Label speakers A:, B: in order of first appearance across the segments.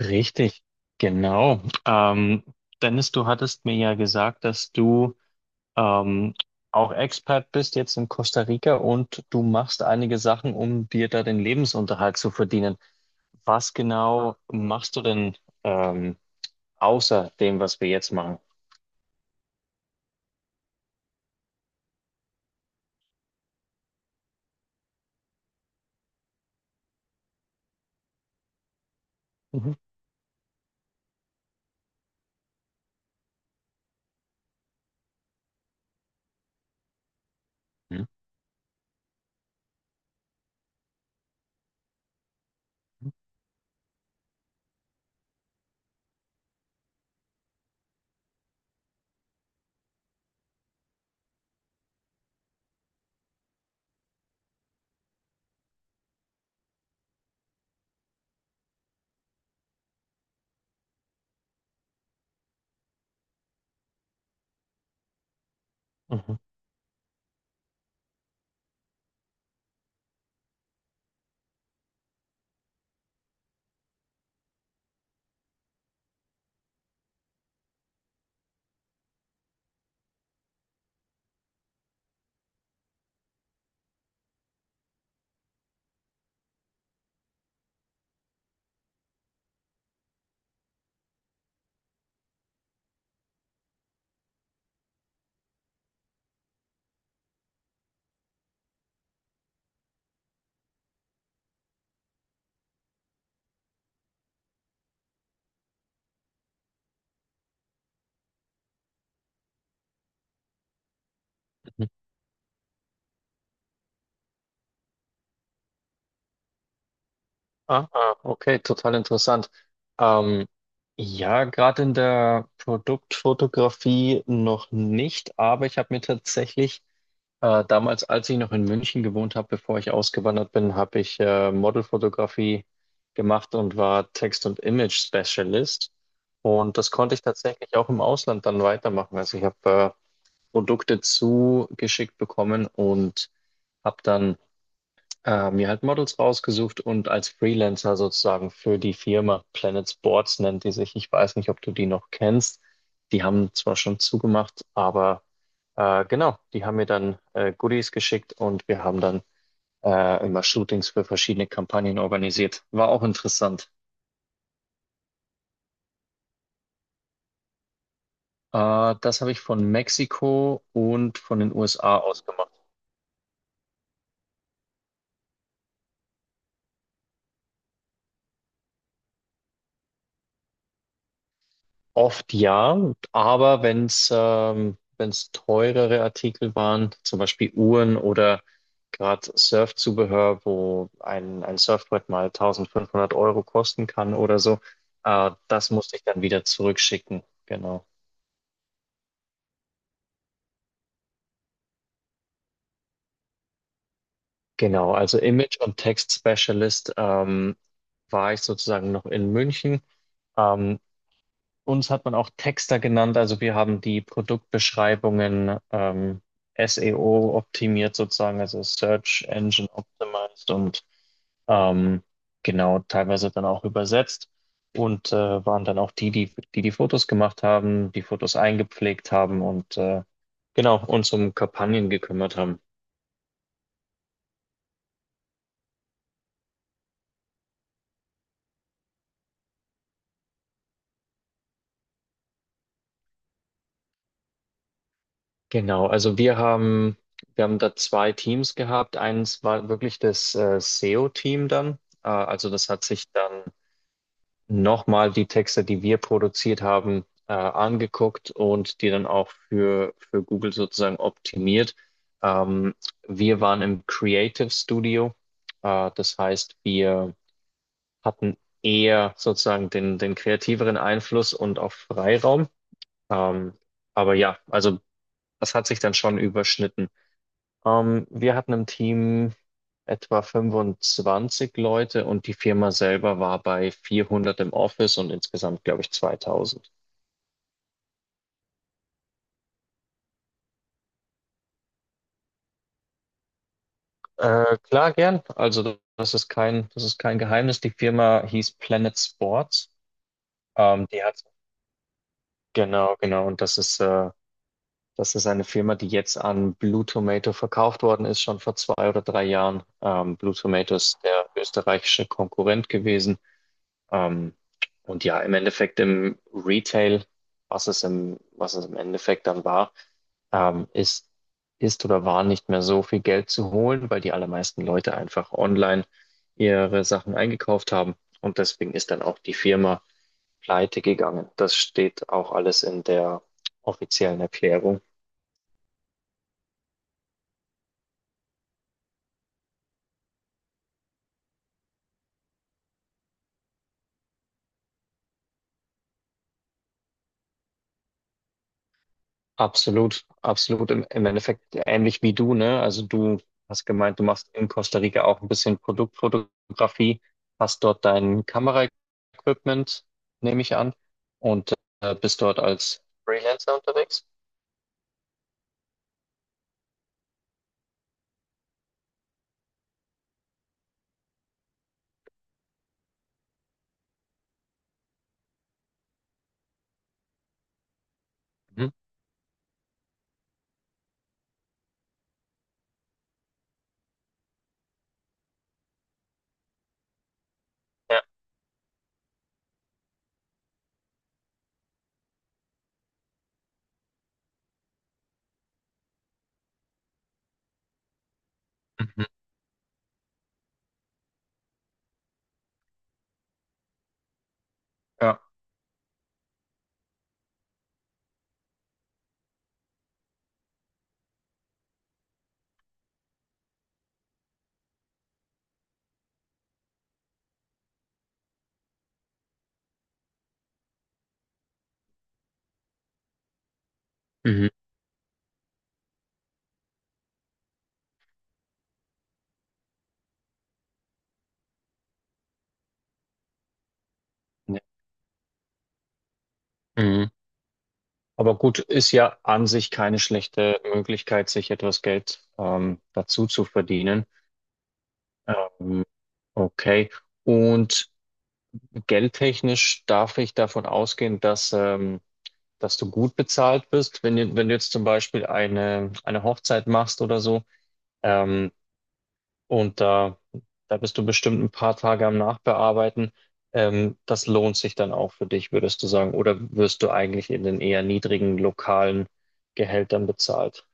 A: Richtig, genau. Dennis, du hattest mir ja gesagt, dass du ähm, auch Expat bist jetzt in Costa Rica und du machst einige Sachen, um dir da den Lebensunterhalt zu verdienen. Was genau machst du denn ähm, außer dem, was wir jetzt machen? Mhm. Hm? Mhm. Mhm. Ah, ah, okay, total interessant. Ähm, ja, gerade in der Produktfotografie noch nicht, aber ich habe mir tatsächlich damals, als ich noch in München gewohnt habe, bevor ich ausgewandert bin, habe ich Modelfotografie gemacht und war Text- und Image-Specialist. Und das konnte ich tatsächlich auch im Ausland dann weitermachen. Also ich habe Produkte zugeschickt bekommen und habe dann mir halt Models rausgesucht und als Freelancer sozusagen für die Firma Planet Sports nennt die sich. Ich weiß nicht, ob du die noch kennst. Die haben zwar schon zugemacht, aber genau, die haben mir dann Goodies geschickt und wir haben dann immer Shootings für verschiedene Kampagnen organisiert. War auch interessant. Das habe ich von Mexiko und von den USA aus gemacht. Oft ja, aber wenn es teurere Artikel waren, zum Beispiel Uhren oder gerade Surfzubehör, wo ein Surfbrett mal 1.500 € kosten kann oder so, das musste ich dann wieder zurückschicken. Genau. Genau, also Image- und Text-Specialist war ich sozusagen noch in München. Ähm, Uns hat man auch Texter genannt, also wir haben die Produktbeschreibungen SEO optimiert sozusagen, also Search Engine Optimized und ähm, genau teilweise dann auch übersetzt und waren dann auch die die Fotos gemacht haben, die Fotos eingepflegt haben und genau uns um Kampagnen gekümmert haben. Genau, also wir haben da zwei Teams gehabt. Eins war wirklich das SEO-Team dann, also das hat sich dann nochmal die Texte, die wir produziert haben, angeguckt und die dann auch für Google sozusagen optimiert. Ähm, wir waren im Creative Studio. Das heißt, wir hatten eher sozusagen den kreativeren Einfluss und auch Freiraum. Ähm, aber ja, also das hat sich dann schon überschnitten. Wir hatten im Team etwa 25 Leute und die Firma selber war bei 400 im Office und insgesamt, glaube ich, 2000. Klar, gern. Also das ist kein Geheimnis. Die Firma hieß Planet Sports. Ähm, die hat, genau, genau. Und das ist eine Firma, die jetzt an Blue Tomato verkauft worden ist, schon vor 2 oder 3 Jahren. Blue Tomato ist der österreichische Konkurrent gewesen. Ähm, und ja, im Endeffekt im Retail, was es im Endeffekt dann war, ähm, ist, ist oder war nicht mehr so viel Geld zu holen, weil die allermeisten Leute einfach online ihre Sachen eingekauft haben. Und deswegen ist dann auch die Firma pleite gegangen. Das steht auch alles in der offiziellen Erklärung. Absolut, absolut. Im Endeffekt ähnlich wie du, ne? Also du hast gemeint, du machst in Costa Rica auch ein bisschen Produktfotografie, hast dort dein Kameraequipment, nehme ich an, und bist dort als Freelancer unterwegs. Mhm. Ja. Mhm. Ja. Mhm. Ja. Mhm. Aber gut, ist ja an sich keine schlechte Möglichkeit, sich etwas Geld dazu zu verdienen. Ähm, okay. Und Geldtechnisch darf ich davon ausgehen, dass du gut bezahlt bist, wenn du jetzt zum Beispiel eine Hochzeit machst oder so. Ähm, und da bist du bestimmt ein paar Tage am Nachbearbeiten. Das lohnt sich dann auch für dich, würdest du sagen. Oder wirst du eigentlich in den eher niedrigen lokalen Gehältern bezahlt?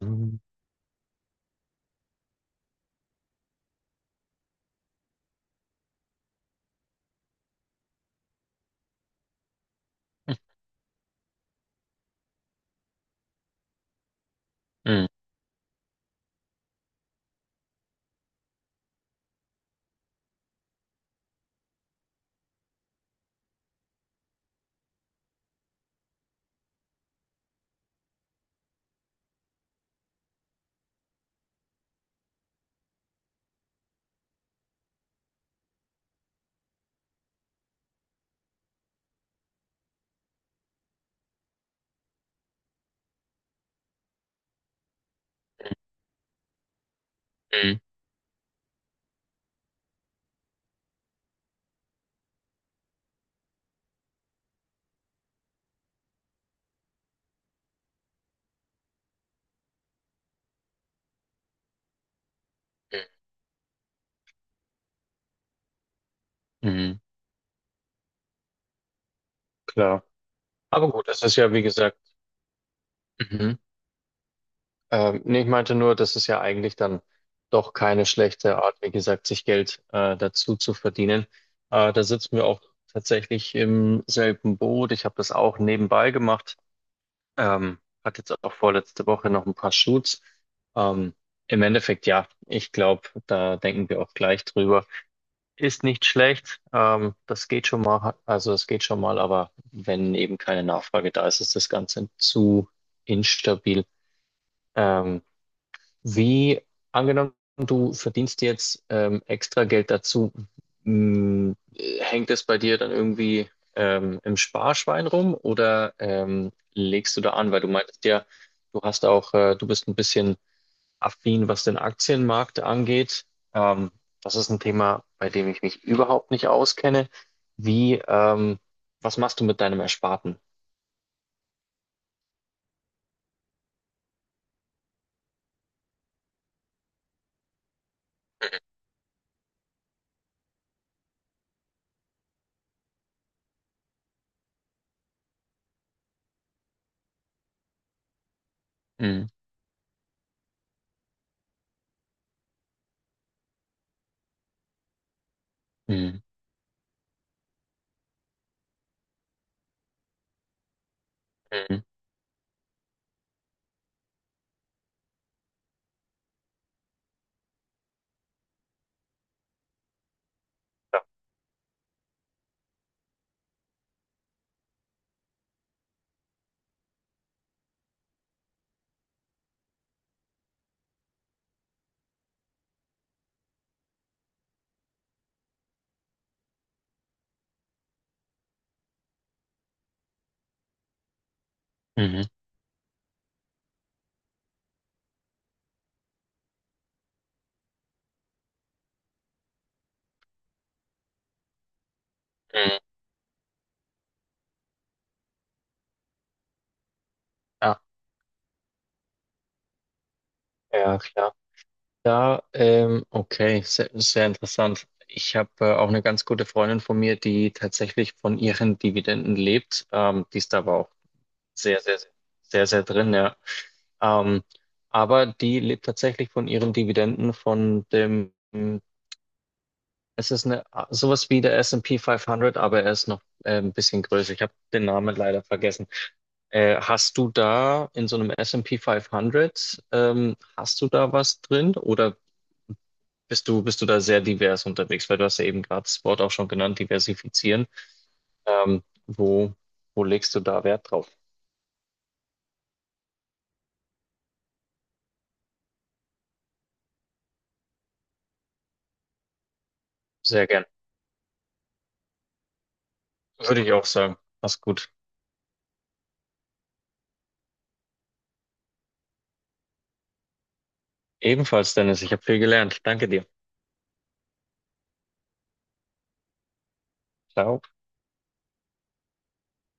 A: Mhm. Mhm. Mhm. Mhm. Mhm. Klar. Aber gut, es ist ja wie gesagt. Mhm. Nee, ich meinte nur, das ist ja eigentlich dann doch keine schlechte Art, wie gesagt, sich Geld dazu zu verdienen. Da sitzen wir auch tatsächlich im selben Boot. Ich habe das auch nebenbei gemacht. Ähm, hatte jetzt auch vorletzte Woche noch ein paar Shoots. Ähm, im Endeffekt, ja, ich glaube, da denken wir auch gleich drüber. Ist nicht schlecht. Das geht schon mal, also es geht schon mal, aber wenn eben keine Nachfrage da ist, ist das Ganze zu instabil. Ähm, wie angenommen, du verdienst jetzt extra Geld dazu, mh, hängt es bei dir dann irgendwie im Sparschwein rum oder legst du da an? Weil du meintest ja, du bist ein bisschen affin, was den Aktienmarkt angeht. Ähm, das ist ein Thema, bei dem ich mich überhaupt nicht auskenne. Wie, ähm, was machst du mit deinem Ersparten? Mhm. Mhm. Mhm. Mhm. Mhm. Ja, ja, klar. Ja, okay, sehr, sehr interessant. Ich habe auch eine ganz gute Freundin von mir, die tatsächlich von ihren Dividenden lebt. Die ist da aber auch sehr, sehr, sehr, sehr sehr drin, ja. Ähm, aber die lebt tatsächlich von ihren Dividenden, von dem, es ist eine, sowas wie der S&P 500, aber er ist noch ein bisschen größer. Ich habe den Namen leider vergessen. Hast du da in so einem S&P 500, hast du da was drin oder bist du da sehr divers unterwegs? Weil du hast ja eben gerade das Wort auch schon genannt, diversifizieren. Ähm, wo, wo legst du da Wert drauf? Sehr gern. Würde ich auch sagen. Mach's gut. Ebenfalls, Dennis, ich habe viel gelernt. Danke dir. Ciao.